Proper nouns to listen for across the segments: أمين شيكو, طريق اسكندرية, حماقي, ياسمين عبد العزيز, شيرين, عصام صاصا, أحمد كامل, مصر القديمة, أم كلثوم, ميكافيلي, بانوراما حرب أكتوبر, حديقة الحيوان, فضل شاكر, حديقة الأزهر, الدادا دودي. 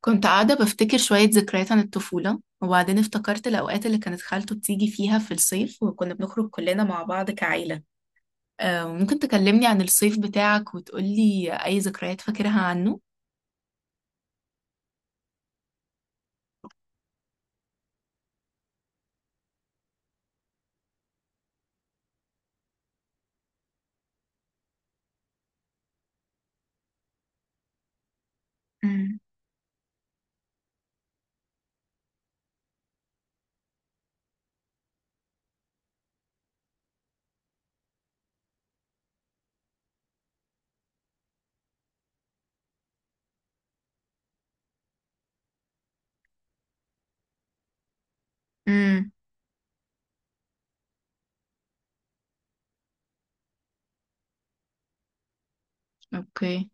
كنت قاعدة بفتكر شوية ذكريات عن الطفولة، وبعدين افتكرت الأوقات اللي كانت خالته بتيجي فيها في الصيف، وكنا بنخرج كلنا مع بعض كعيلة. ممكن تكلمني عن الصيف بتاعك وتقولي أي ذكريات فاكرها عنه؟ امم. امم. اوكي.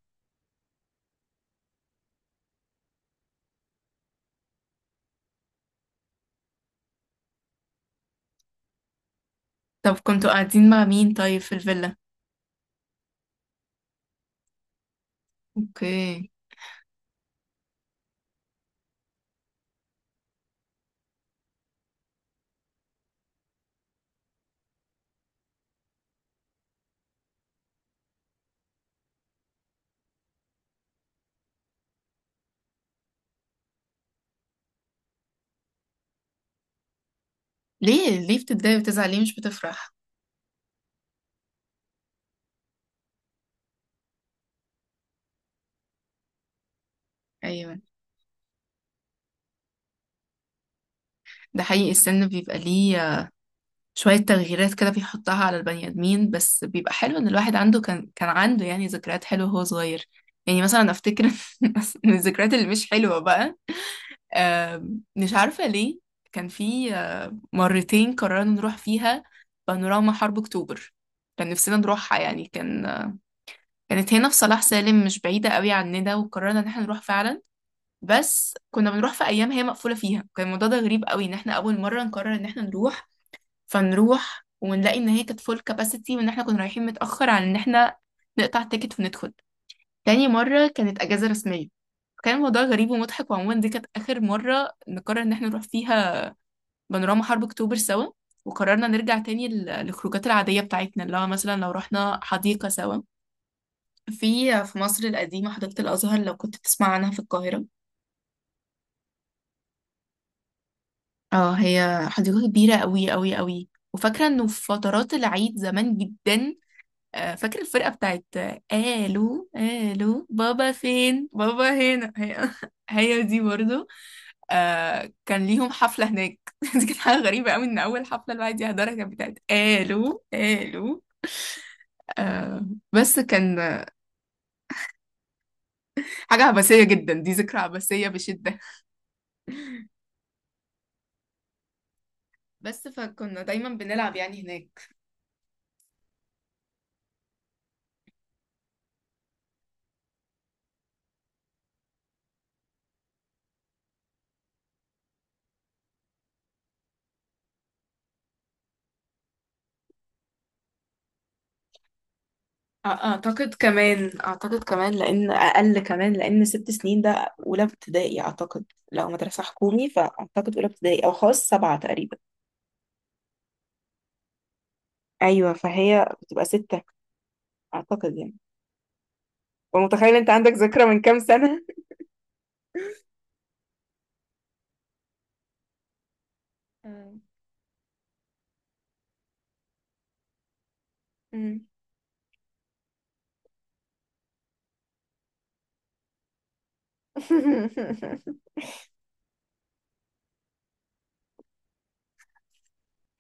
طب كنتوا قاعدين مع مين طيب في الفيلا؟ اوكي. ليه ليه بتتضايق وتزعل، ليه مش بتفرح؟ ايوه. ده حقيقي، السن بيبقى ليه شوية تغييرات كده بيحطها على البني آدمين، بس بيبقى حلو إن الواحد عنده كان عنده يعني ذكريات حلوة وهو صغير. يعني مثلا أفتكر من الذكريات اللي مش حلوة بقى، مش عارفة ليه. كان في مرتين قررنا نروح فيها بانوراما حرب أكتوبر. كان نفسنا نروحها، يعني كان كانت هنا في صلاح سالم، مش بعيدة قوي عننا، وقررنا إن احنا نروح فعلا. بس كنا بنروح في أيام هي مقفولة فيها. كان الموضوع ده غريب قوي، إن احنا أول مرة نقرر إن احنا نروح، فنروح ونلاقي ان هي كانت فول كاباسيتي، وان احنا كنا رايحين متأخر عن ان احنا نقطع تيكت وندخل. تاني مرة كانت اجازة رسمية. كان الموضوع غريب ومضحك. وعموما دي كانت آخر مرة نقرر إن احنا نروح فيها بانوراما حرب أكتوبر سوا. وقررنا نرجع تاني للخروجات العادية بتاعتنا، اللي هو مثلا لو رحنا حديقة سوا في مصر القديمة، حديقة الأزهر، لو كنت تسمع عنها في القاهرة. اه، هي حديقة كبيرة أوي أوي أوي. وفاكرة إنه في فترات العيد زمان جدا، فاكر الفرقة بتاعت الو الو بابا فين بابا، هنا هي، هي دي برضو. كان ليهم حفلة هناك دي كانت حاجة غريبة قوي، ان اول حفلة الواحد يحضرها كانت بتاعت الو الو. آه بس كان حاجة عبثية جدا. دي ذكرى عبثية بشدة. بس فكنا دايما بنلعب يعني هناك. اعتقد كمان، لان اقل كمان، لان 6 سنين ده اولى ابتدائي اعتقد. لو مدرسه حكومي فاعتقد اولى ابتدائي، او خاص 7 تقريبا. ايوه، فهي بتبقى 6 اعتقد يعني. ومتخيل انت عندك ذكرى من كام سنة. آه. مم.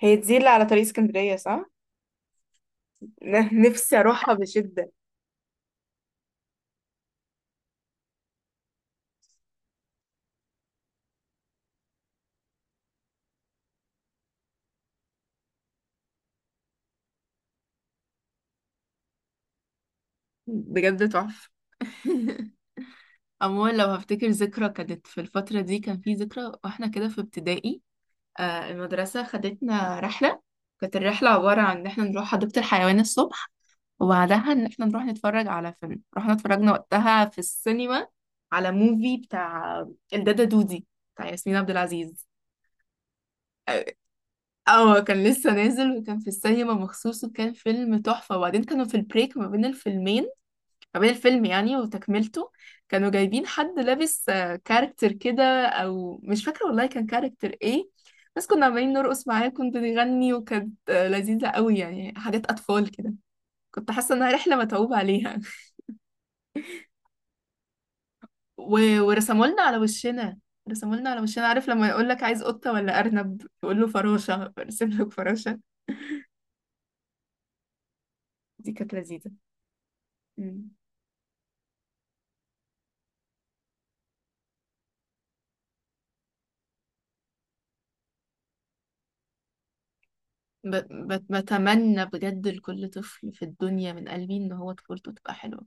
هي دي اللي على طريق اسكندرية، صح؟ نفسي اروحها بشدة. بجد تحفة. عموما لو هفتكر ذكرى كانت في الفترة دي، كان في ذكرى واحنا كده في ابتدائي. المدرسة خدتنا رحلة. كانت الرحلة عبارة عن ان احنا نروح حديقة الحيوان الصبح، وبعدها ان احنا نروح نتفرج على فيلم. رحنا اتفرجنا وقتها في السينما على موفي بتاع الدادا دودي، بتاع ياسمين عبد العزيز. اه، كان لسه نازل، وكان في السينما مخصوص، وكان فيلم تحفة. وبعدين كانوا في البريك ما بين الفيلمين، ما بين الفيلم يعني وتكملته، كانوا جايبين حد لابس كاركتر كده، او مش فاكرة والله كان كاركتر ايه، بس كنا عمالين نرقص معاه، كنت نغني، وكانت لذيذة قوي، يعني حاجات اطفال كده. كنت حاسة انها رحلة متعوب عليها. و... ورسموا لنا على وشنا. عارف لما يقول لك عايز قطة ولا أرنب، تقول له فراشة برسم لك فراشة. دي كانت لذيذة. مم. ب... بتمنى بجد لكل طفل في الدنيا من قلبي إن هو طفولته تبقى حلوة.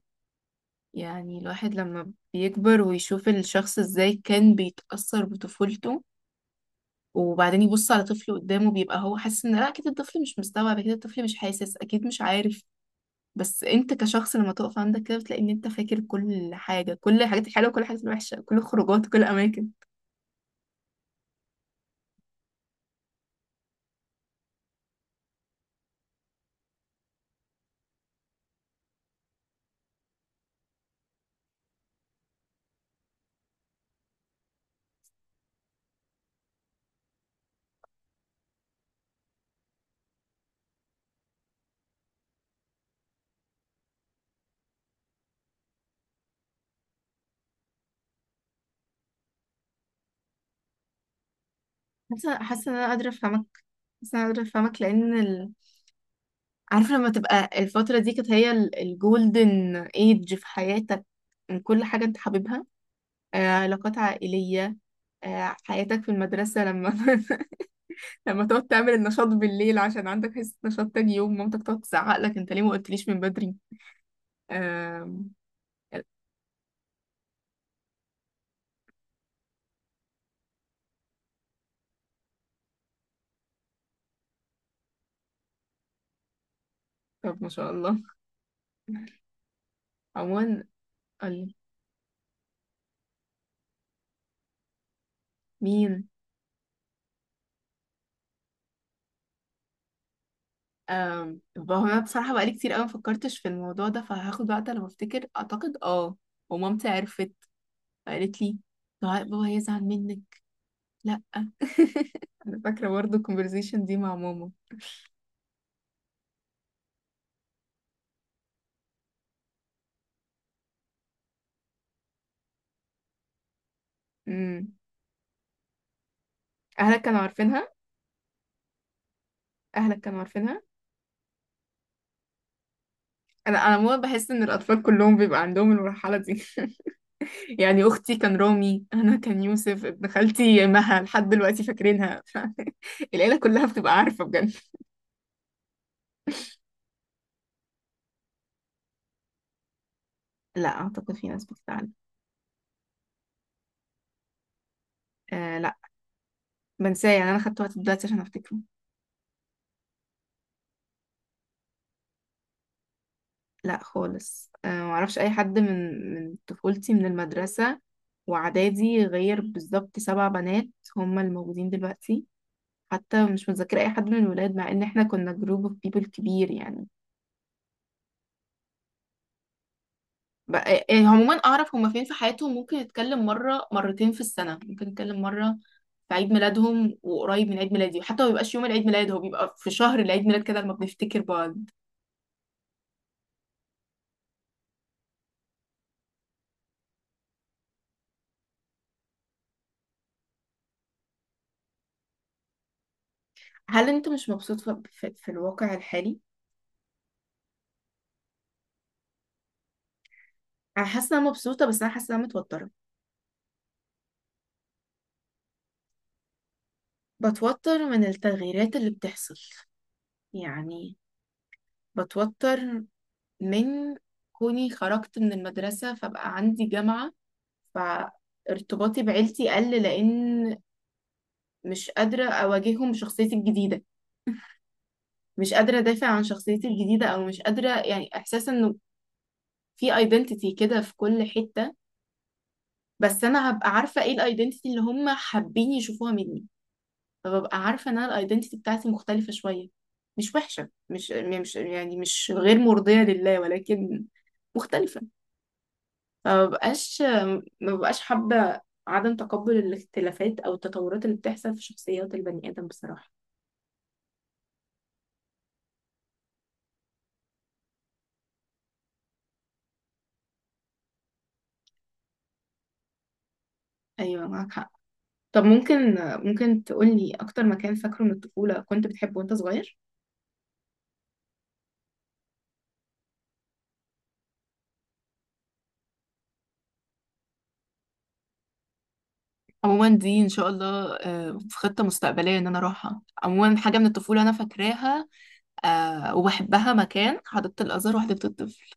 يعني الواحد لما بيكبر ويشوف الشخص إزاي كان بيتأثر بطفولته، وبعدين يبص على طفل قدامه، بيبقى هو حاسس إن لا، أكيد الطفل مش مستوعب، أكيد الطفل مش حاسس، أكيد مش عارف، بس انت كشخص لما تقف عندك كده بتلاقي ان انت فاكر كل حاجه، كل الحاجات الحلوه، كل الحاجات الوحشه، كل الخروجات، كل الاماكن. حاسه ان انا قادره افهمك. حاسه ان انا قادره افهمك لان عارفه لما تبقى الفتره دي كانت هي الجولدن ايج في حياتك، من كل حاجه انت حاببها، علاقات عائليه، حياتك في المدرسه، لما لما تقعد تعمل النشاط بالليل عشان عندك حصه نشاط تاني يوم، مامتك تقعد تزعق لك انت ليه ما قلتليش من بدري. آم، طب ما شاء الله. عموما، مين؟ أم هو انا بصراحه بقالي كتير قوي ما فكرتش في الموضوع ده، فهاخد وقت لما افتكر، اعتقد اه. ومامتي عرفت، فقالت لي: "لا، بابا هيزعل منك، لا انا." فاكره برضه الكونفرزيشن دي مع ماما. امم. اهلك كانوا عارفينها؟ اهلك كانوا عارفينها. انا ماما، بحس ان الاطفال كلهم بيبقى عندهم المرحله دي. يعني اختي كان رامي، انا كان يوسف ابن خالتي مها، لحد دلوقتي فاكرينها. العيله كلها بتبقى عارفه بجد. لا، اعتقد في ناس بتزعل. آه، بنساه يعني، انا خدته وقت دلوقتي عشان افتكره. لا خالص. أه، معرفش اي حد من طفولتي، من المدرسة واعدادي، غير بالظبط 7 بنات هما الموجودين دلوقتي. حتى مش متذكرة اي حد من الولاد، مع ان احنا كنا جروب اوف بيبل كبير يعني. بقى إيه، عموما اعرف هما فين في حياتهم، ممكن اتكلم مرة مرتين في السنة، ممكن اتكلم مرة في عيد ميلادهم وقريب من عيد ميلادي، وحتى ما بيبقاش يوم العيد ميلاد، هو بيبقى في شهر العيد ميلاد كده لما بنفتكر بعض. هل انت مش مبسوط في الواقع الحالي؟ انا حاسه إن انا مبسوطه، بس انا حاسه إن انا متوتره. بتوتر من التغييرات اللي بتحصل، يعني بتوتر من كوني خرجت من المدرسه فبقى عندي جامعه، فارتباطي بعيلتي قل، لان مش قادره اواجههم بشخصيتي الجديده، مش قادره ادافع عن شخصيتي الجديده، او مش قادره يعني. احساس انه في ايدنتيتي كده في كل حته، بس انا هبقى عارفه ايه الايدنتيتي اللي هم حابين يشوفوها مني، فببقى عارفة ان انا الايدنتي بتاعتي مختلفة شوية، مش وحشة، مش يعني مش غير مرضية لله، ولكن مختلفة. فمبقاش حابة عدم تقبل الاختلافات او التطورات اللي بتحصل في شخصيات البني ادم، بصراحة. ايوه، معاك حق. طب ممكن، تقولي اكتر مكان فاكره من الطفولة كنت بتحبه وانت صغير؟ عموما دي ان شاء الله في خطة مستقبلية ان انا اروحها. عموما حاجة من الطفولة انا فاكراها، وبحبها، مكان حديقة الازهر وحديقة الطفل.